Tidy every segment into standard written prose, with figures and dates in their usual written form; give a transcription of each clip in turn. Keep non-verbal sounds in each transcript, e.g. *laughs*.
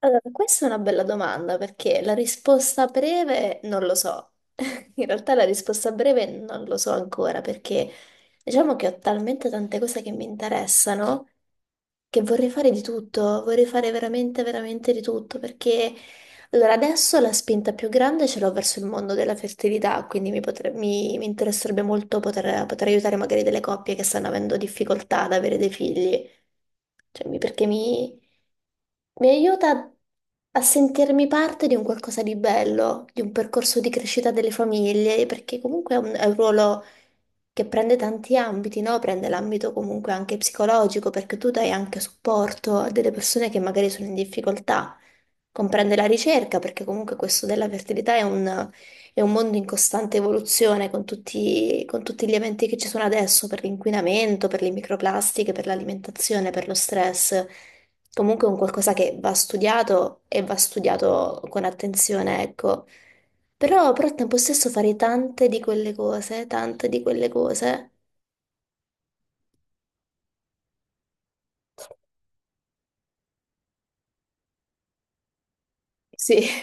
Allora, questa è una bella domanda perché la risposta breve non lo so. *laughs* In realtà la risposta breve non lo so ancora perché diciamo che ho talmente tante cose che mi interessano che vorrei fare di tutto, vorrei fare veramente, veramente di tutto perché allora adesso la spinta più grande ce l'ho verso il mondo della fertilità, quindi mi interesserebbe molto poter aiutare magari delle coppie che stanno avendo difficoltà ad avere dei figli. Cioè, perché mi aiuta a sentirmi parte di un qualcosa di bello, di un percorso di crescita delle famiglie, perché comunque è un ruolo che prende tanti ambiti, no? Prende l'ambito comunque anche psicologico, perché tu dai anche supporto a delle persone che magari sono in difficoltà. Comprende la ricerca, perché comunque questo della fertilità è un mondo in costante evoluzione con tutti gli eventi che ci sono adesso, per l'inquinamento, per le microplastiche, per l'alimentazione, per lo stress comunque è un qualcosa che va studiato e va studiato con attenzione, ecco. Però, al tempo stesso fare tante di quelle cose, tante di quelle cose. Sì, *laughs*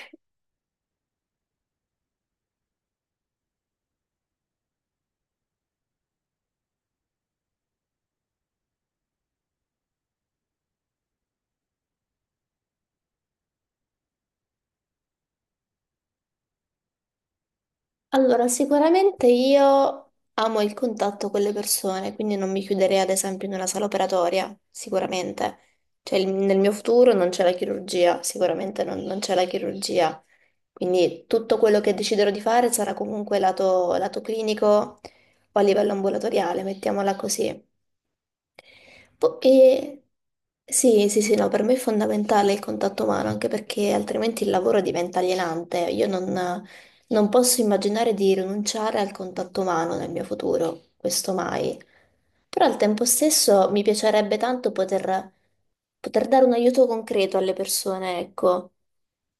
Allora, sicuramente io amo il contatto con le persone, quindi non mi chiuderei ad esempio in una sala operatoria, sicuramente. Cioè, nel mio futuro non c'è la chirurgia, sicuramente non c'è la chirurgia. Quindi tutto quello che deciderò di fare sarà comunque lato clinico o a livello ambulatoriale, mettiamola così. Po- E... Sì, sì, sì, no, per me è fondamentale il contatto umano, anche perché altrimenti il lavoro diventa alienante. Io non posso immaginare di rinunciare al contatto umano nel mio futuro, questo mai. Però al tempo stesso mi piacerebbe tanto poter dare un aiuto concreto alle persone, ecco,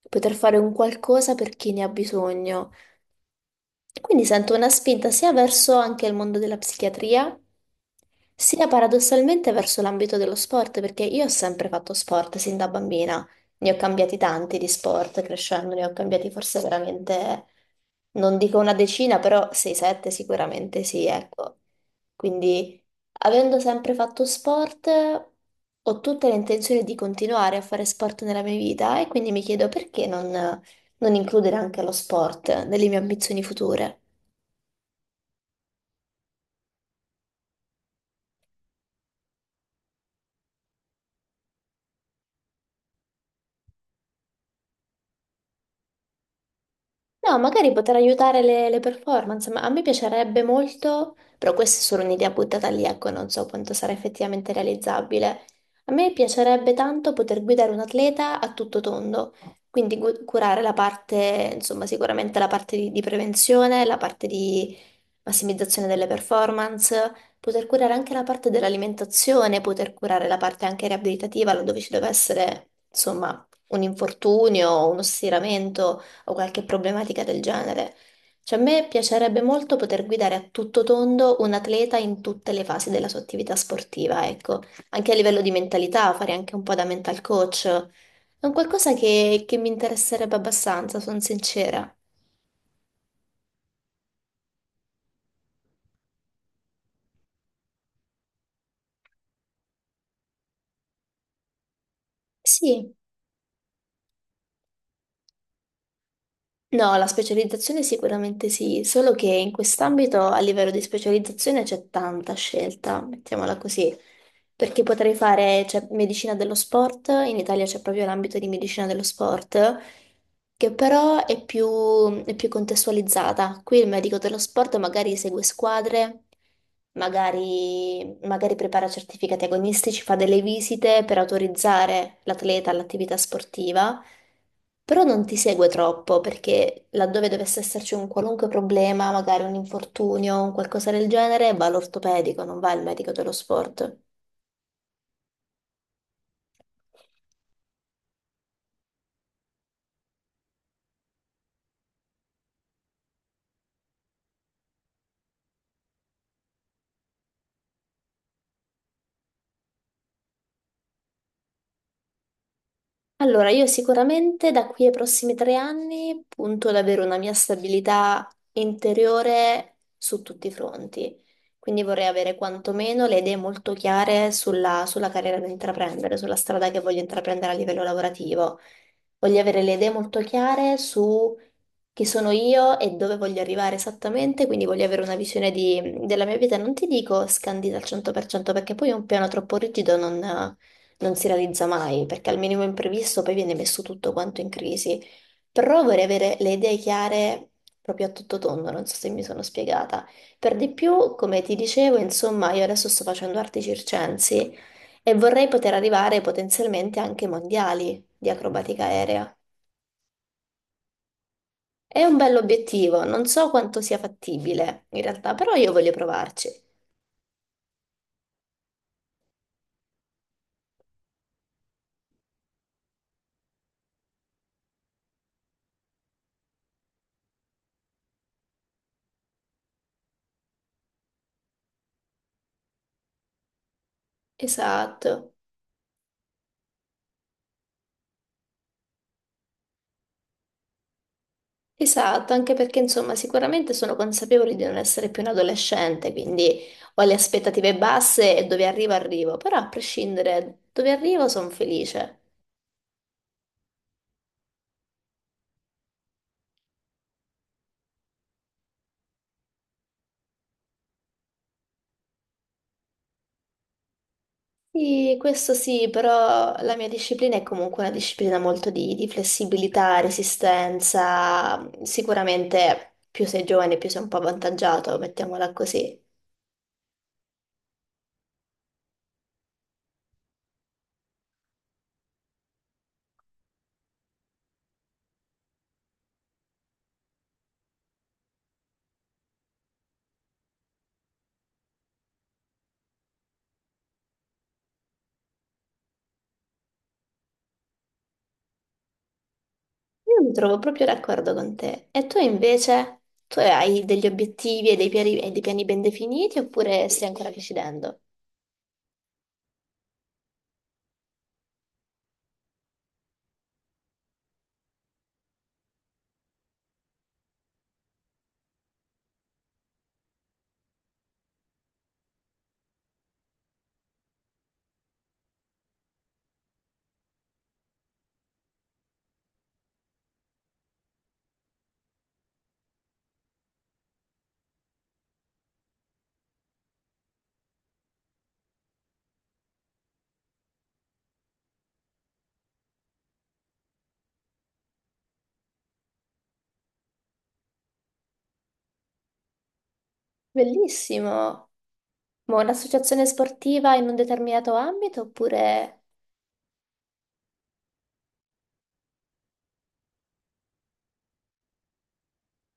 poter fare un qualcosa per chi ne ha bisogno. Quindi sento una spinta sia verso anche il mondo della psichiatria, sia paradossalmente verso l'ambito dello sport, perché io ho sempre fatto sport sin da bambina. Ne ho cambiati tanti di sport, crescendo ne ho cambiati forse veramente, non dico una decina, però 6-7 sicuramente sì, ecco. Quindi, avendo sempre fatto sport, ho tutte le intenzioni di continuare a fare sport nella mia vita e quindi mi chiedo perché non includere anche lo sport nelle mie ambizioni future. No, magari poter aiutare le performance, ma a me piacerebbe molto, però questa è solo un'idea buttata lì, ecco, non so quanto sarà effettivamente realizzabile. A me piacerebbe tanto poter guidare un atleta a tutto tondo, quindi curare la parte, insomma, sicuramente la parte di prevenzione, la parte di massimizzazione delle performance, poter curare anche la parte dell'alimentazione, poter curare la parte anche riabilitativa, laddove ci deve essere, insomma, un infortunio, uno stiramento o qualche problematica del genere. Cioè, a me piacerebbe molto poter guidare a tutto tondo un atleta in tutte le fasi della sua attività sportiva, ecco, anche a livello di mentalità, fare anche un po' da mental coach. È un qualcosa che mi interesserebbe abbastanza, sono sincera. Sì. No, la specializzazione sicuramente sì, solo che in quest'ambito a livello di specializzazione c'è tanta scelta, mettiamola così, perché potrei fare, c'è medicina dello sport, in Italia c'è proprio l'ambito di medicina dello sport, che però è più contestualizzata. Qui il medico dello sport magari segue squadre, magari prepara certificati agonistici, fa delle visite per autorizzare l'atleta all'attività sportiva, però non ti segue troppo perché laddove dovesse esserci un qualunque problema, magari un infortunio, un qualcosa del genere, va all'ortopedico, non va al medico dello sport. Allora, io sicuramente da qui ai prossimi 3 anni punto ad avere una mia stabilità interiore su tutti i fronti. Quindi vorrei avere quantomeno le idee molto chiare sulla, sulla carriera da intraprendere, sulla strada che voglio intraprendere a livello lavorativo. Voglio avere le idee molto chiare su chi sono io e dove voglio arrivare esattamente, quindi voglio avere una visione della mia vita, non ti dico scandita al 100% perché poi un piano troppo rigido non si realizza mai, perché al minimo imprevisto poi viene messo tutto quanto in crisi, però vorrei avere le idee chiare proprio a tutto tondo, non so se mi sono spiegata. Per di più, come ti dicevo, insomma, io adesso sto facendo arti circensi e vorrei poter arrivare potenzialmente anche ai mondiali di acrobatica aerea. È un bell'obiettivo, non so quanto sia fattibile in realtà, però io voglio provarci. Esatto, esatto, anche perché insomma sicuramente sono consapevole di non essere più un adolescente, quindi ho le aspettative basse e dove arrivo arrivo, però a prescindere dove arrivo sono felice. Sì, questo sì, però la mia disciplina è comunque una disciplina molto di flessibilità, resistenza, sicuramente più sei giovane più sei un po' avvantaggiato, mettiamola così. Io mi trovo proprio d'accordo con te. E tu invece? Tu hai degli obiettivi e dei piani, ben definiti oppure stai ancora decidendo? Bellissimo! Ma un'associazione sportiva in un determinato ambito oppure...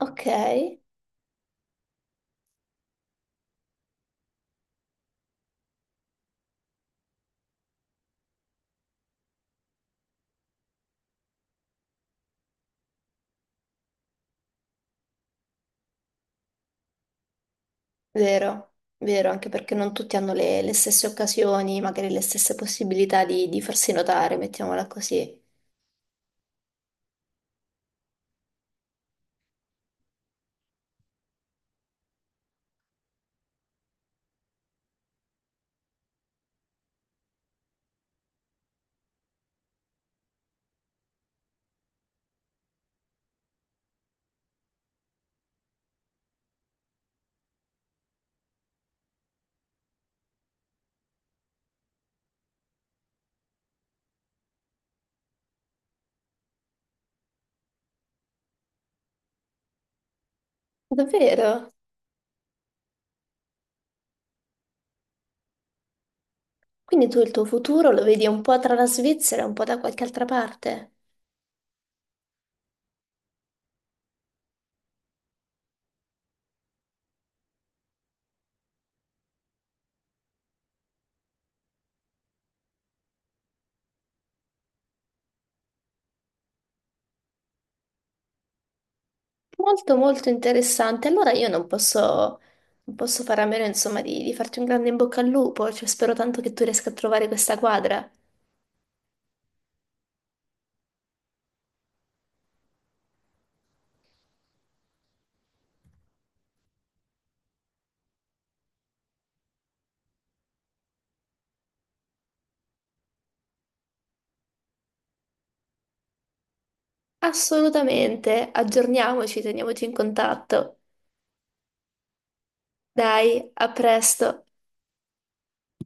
Ok, vero, vero, anche perché non tutti hanno le stesse occasioni, magari le stesse possibilità di farsi notare, mettiamola così. Davvero? Quindi tu il tuo futuro lo vedi un po' tra la Svizzera e un po' da qualche altra parte? Molto molto interessante. Allora io non posso, non posso fare a meno, insomma, di farti un grande in bocca al lupo. Cioè, spero tanto che tu riesca a trovare questa quadra. Assolutamente, aggiorniamoci, teniamoci in contatto. Dai, a presto.